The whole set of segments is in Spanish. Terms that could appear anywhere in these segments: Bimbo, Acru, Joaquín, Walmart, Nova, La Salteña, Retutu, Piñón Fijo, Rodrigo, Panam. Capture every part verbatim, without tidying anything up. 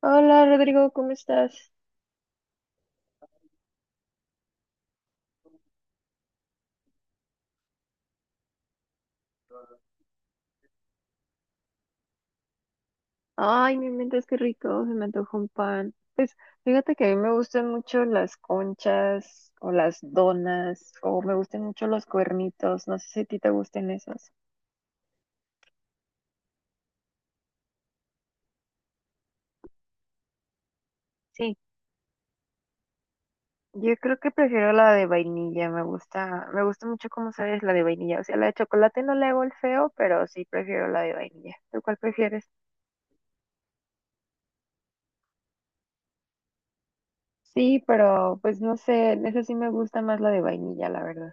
Hola Rodrigo, ¿cómo estás? Ay, me inventas qué rico, se me antojó un pan. Pues fíjate que a mí me gustan mucho las conchas o las donas o me gustan mucho los cuernitos, no sé si a ti te gusten esos. Sí, yo creo que prefiero la de vainilla, me gusta, me gusta mucho como sabes la de vainilla, o sea, la de chocolate no le hago el feo, pero sí prefiero la de vainilla. ¿Tú cuál prefieres? Sí, pero pues no sé, esa sí me gusta más la de vainilla, la verdad.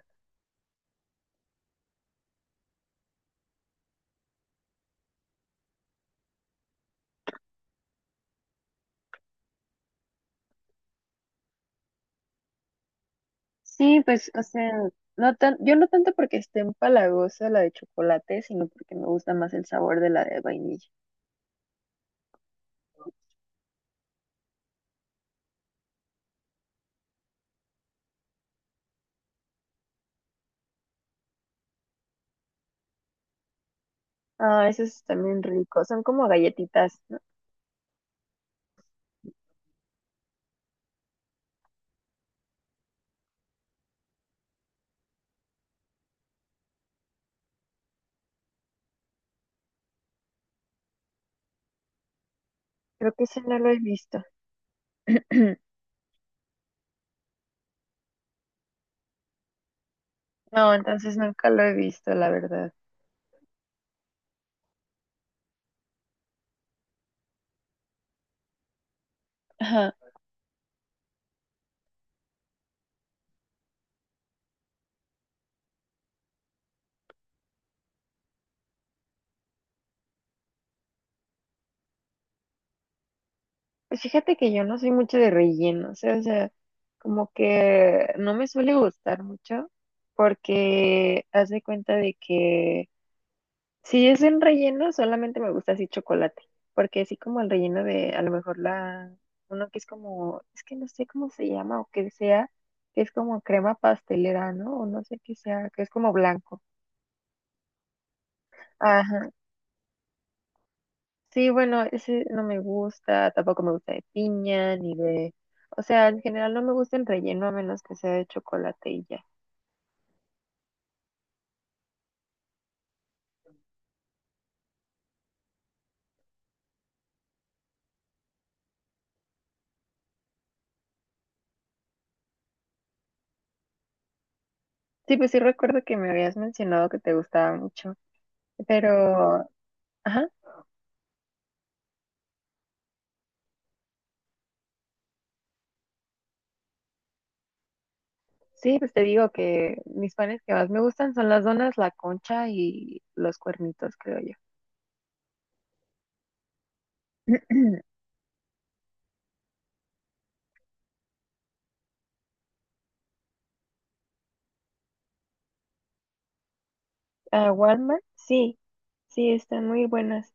Sí, pues, o sea, no tan, yo no tanto porque esté empalagosa la de chocolate, sino porque me gusta más el sabor de la de vainilla. Ah, eso es también rico. Son como galletitas, ¿no? Creo que ese no lo he visto. No, entonces nunca lo he visto, la verdad. Ajá. Pues fíjate que yo no soy mucho de relleno, o sea, o sea, como que no me suele gustar mucho porque haz de cuenta de que si es en relleno, solamente me gusta así chocolate, porque así como el relleno de a lo mejor la, uno que es como, es que no sé cómo se llama o que sea, que es como crema pastelera, ¿no? O no sé qué sea, que es como blanco. Ajá. Sí, bueno, ese no me gusta, tampoco me gusta de piña ni de, o sea, en general no me gusta el relleno a menos que sea de chocolate y ya. Sí, pues sí recuerdo que me habías mencionado que te gustaba mucho, pero, ajá. Sí, pues te digo que mis panes que más me gustan son las donas, la concha y los cuernitos, creo yo. ¿A Walmart? Sí, sí, están muy buenas.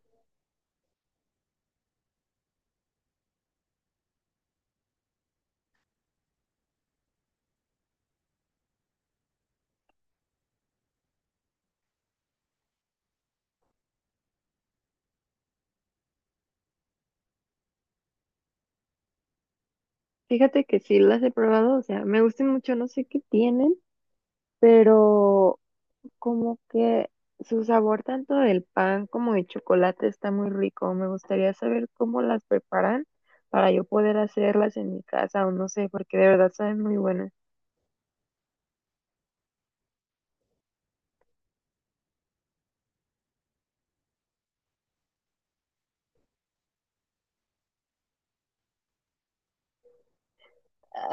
Fíjate que sí las he probado, o sea, me gustan mucho, no sé qué tienen, pero como que su sabor tanto del pan como de chocolate está muy rico. Me gustaría saber cómo las preparan para yo poder hacerlas en mi casa o no sé, porque de verdad saben muy buenas.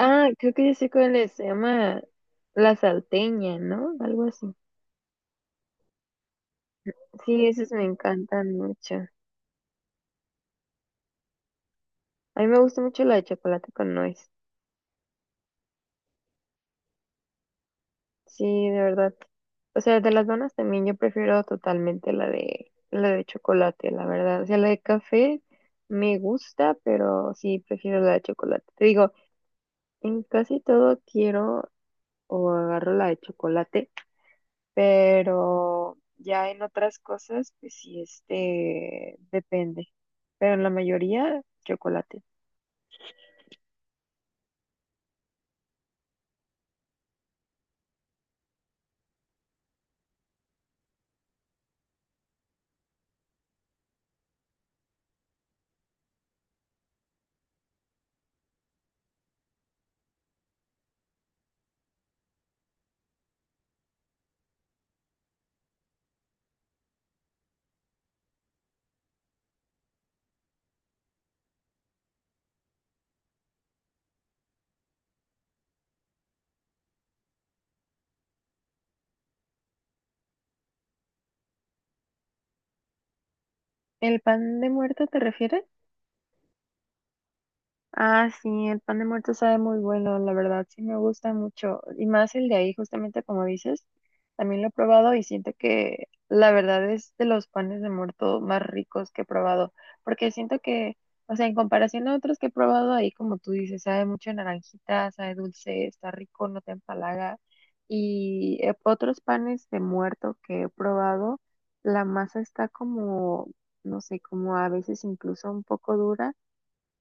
Ah, creo que yo sé cuál es, se llama La Salteña, ¿no? Algo así. Sí, esas me encantan mucho. A mí me gusta mucho la de chocolate con nuez. Sí, de verdad. O sea, de las donas también yo prefiero totalmente la de la de chocolate, la verdad. O sea, la de café me gusta, pero sí prefiero la de chocolate. Te digo, en casi todo quiero o agarro la de chocolate, pero ya en otras cosas, pues sí, este, depende, pero en la mayoría, chocolate. ¿El pan de muerto te refieres? Ah, sí, el pan de muerto sabe muy bueno, la verdad, sí me gusta mucho. Y más el de ahí, justamente como dices, también lo he probado y siento que la verdad es de los panes de muerto más ricos que he probado, porque siento que, o sea, en comparación a otros que he probado ahí, como tú dices, sabe mucho a naranjita, sabe dulce, está rico, no te empalaga. Y eh, otros panes de muerto que he probado, la masa está como, no sé, como a veces incluso un poco dura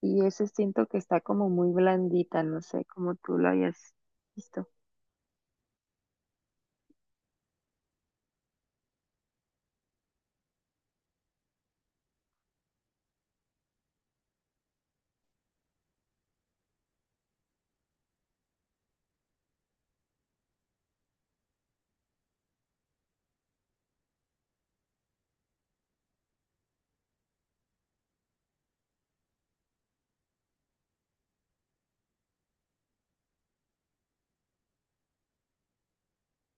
y eso siento que está como muy blandita, no sé cómo tú lo hayas visto.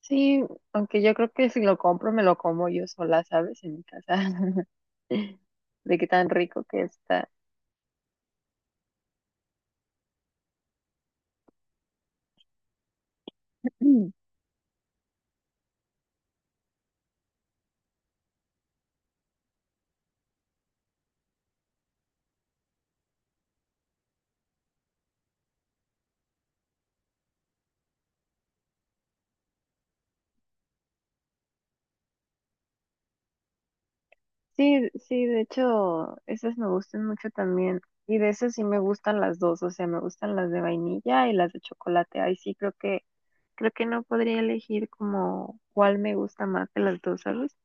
Sí, aunque yo creo que si lo compro me lo como yo sola, ¿sabes? En mi casa. De qué tan rico que está. Mm. Sí, sí, de hecho, esas me gustan mucho también. Y de esas sí me gustan las dos, o sea, me gustan las de vainilla y las de chocolate. Ahí sí creo que, creo que no podría elegir como cuál me gusta más de las dos, ¿sabes?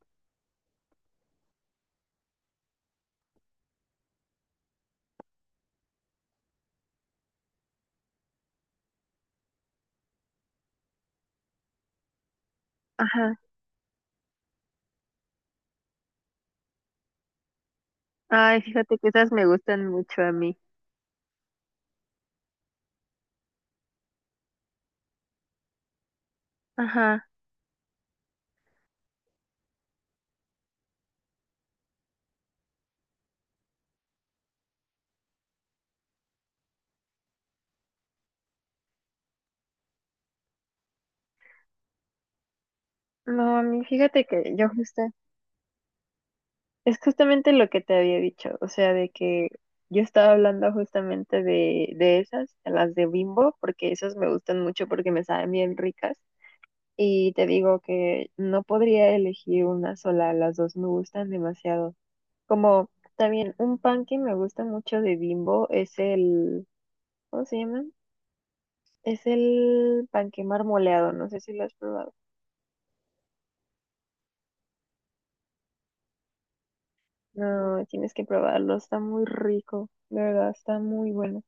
Ajá. Ay, fíjate que esas me gustan mucho a mí. Ajá. No, a mí fíjate que yo justo es justamente lo que te había dicho, o sea, de que yo estaba hablando justamente de, de esas, de las de Bimbo, porque esas me gustan mucho porque me saben bien ricas. Y te digo que no podría elegir una sola, las dos me gustan demasiado. Como también un pan que me gusta mucho de Bimbo es el, ¿cómo se llama? Es el panque marmoleado, no sé si lo has probado. No, tienes que probarlo, está muy rico, de verdad, está muy bueno.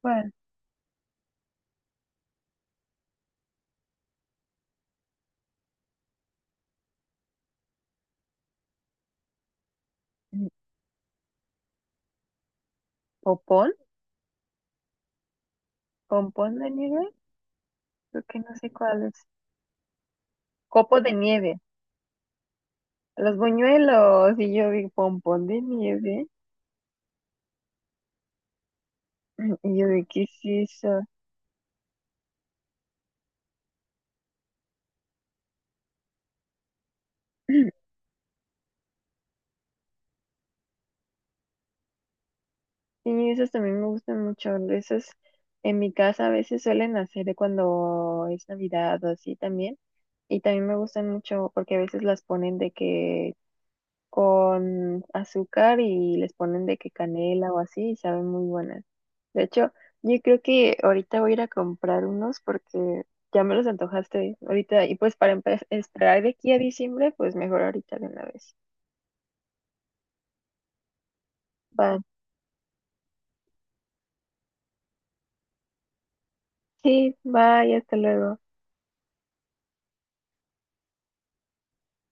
¿Cuál? Mm, ¿Popón? ¿Pompón de nieve? Creo que no sé cuál es. Copo de nieve, los buñuelos. Y yo vi pompón de nieve. Y yo vi, ¿qué es eso? Y esos también me gustan mucho. Esos en mi casa a veces suelen hacer de cuando es Navidad o así también. Y también me gustan mucho porque a veces las ponen de que con azúcar y les ponen de que canela o así y saben muy buenas. De hecho, yo creo que ahorita voy a ir a comprar unos porque ya me los antojaste ahorita y pues para empe- esperar de aquí a diciembre, pues mejor ahorita de una vez. Va. Sí, bye, hasta luego.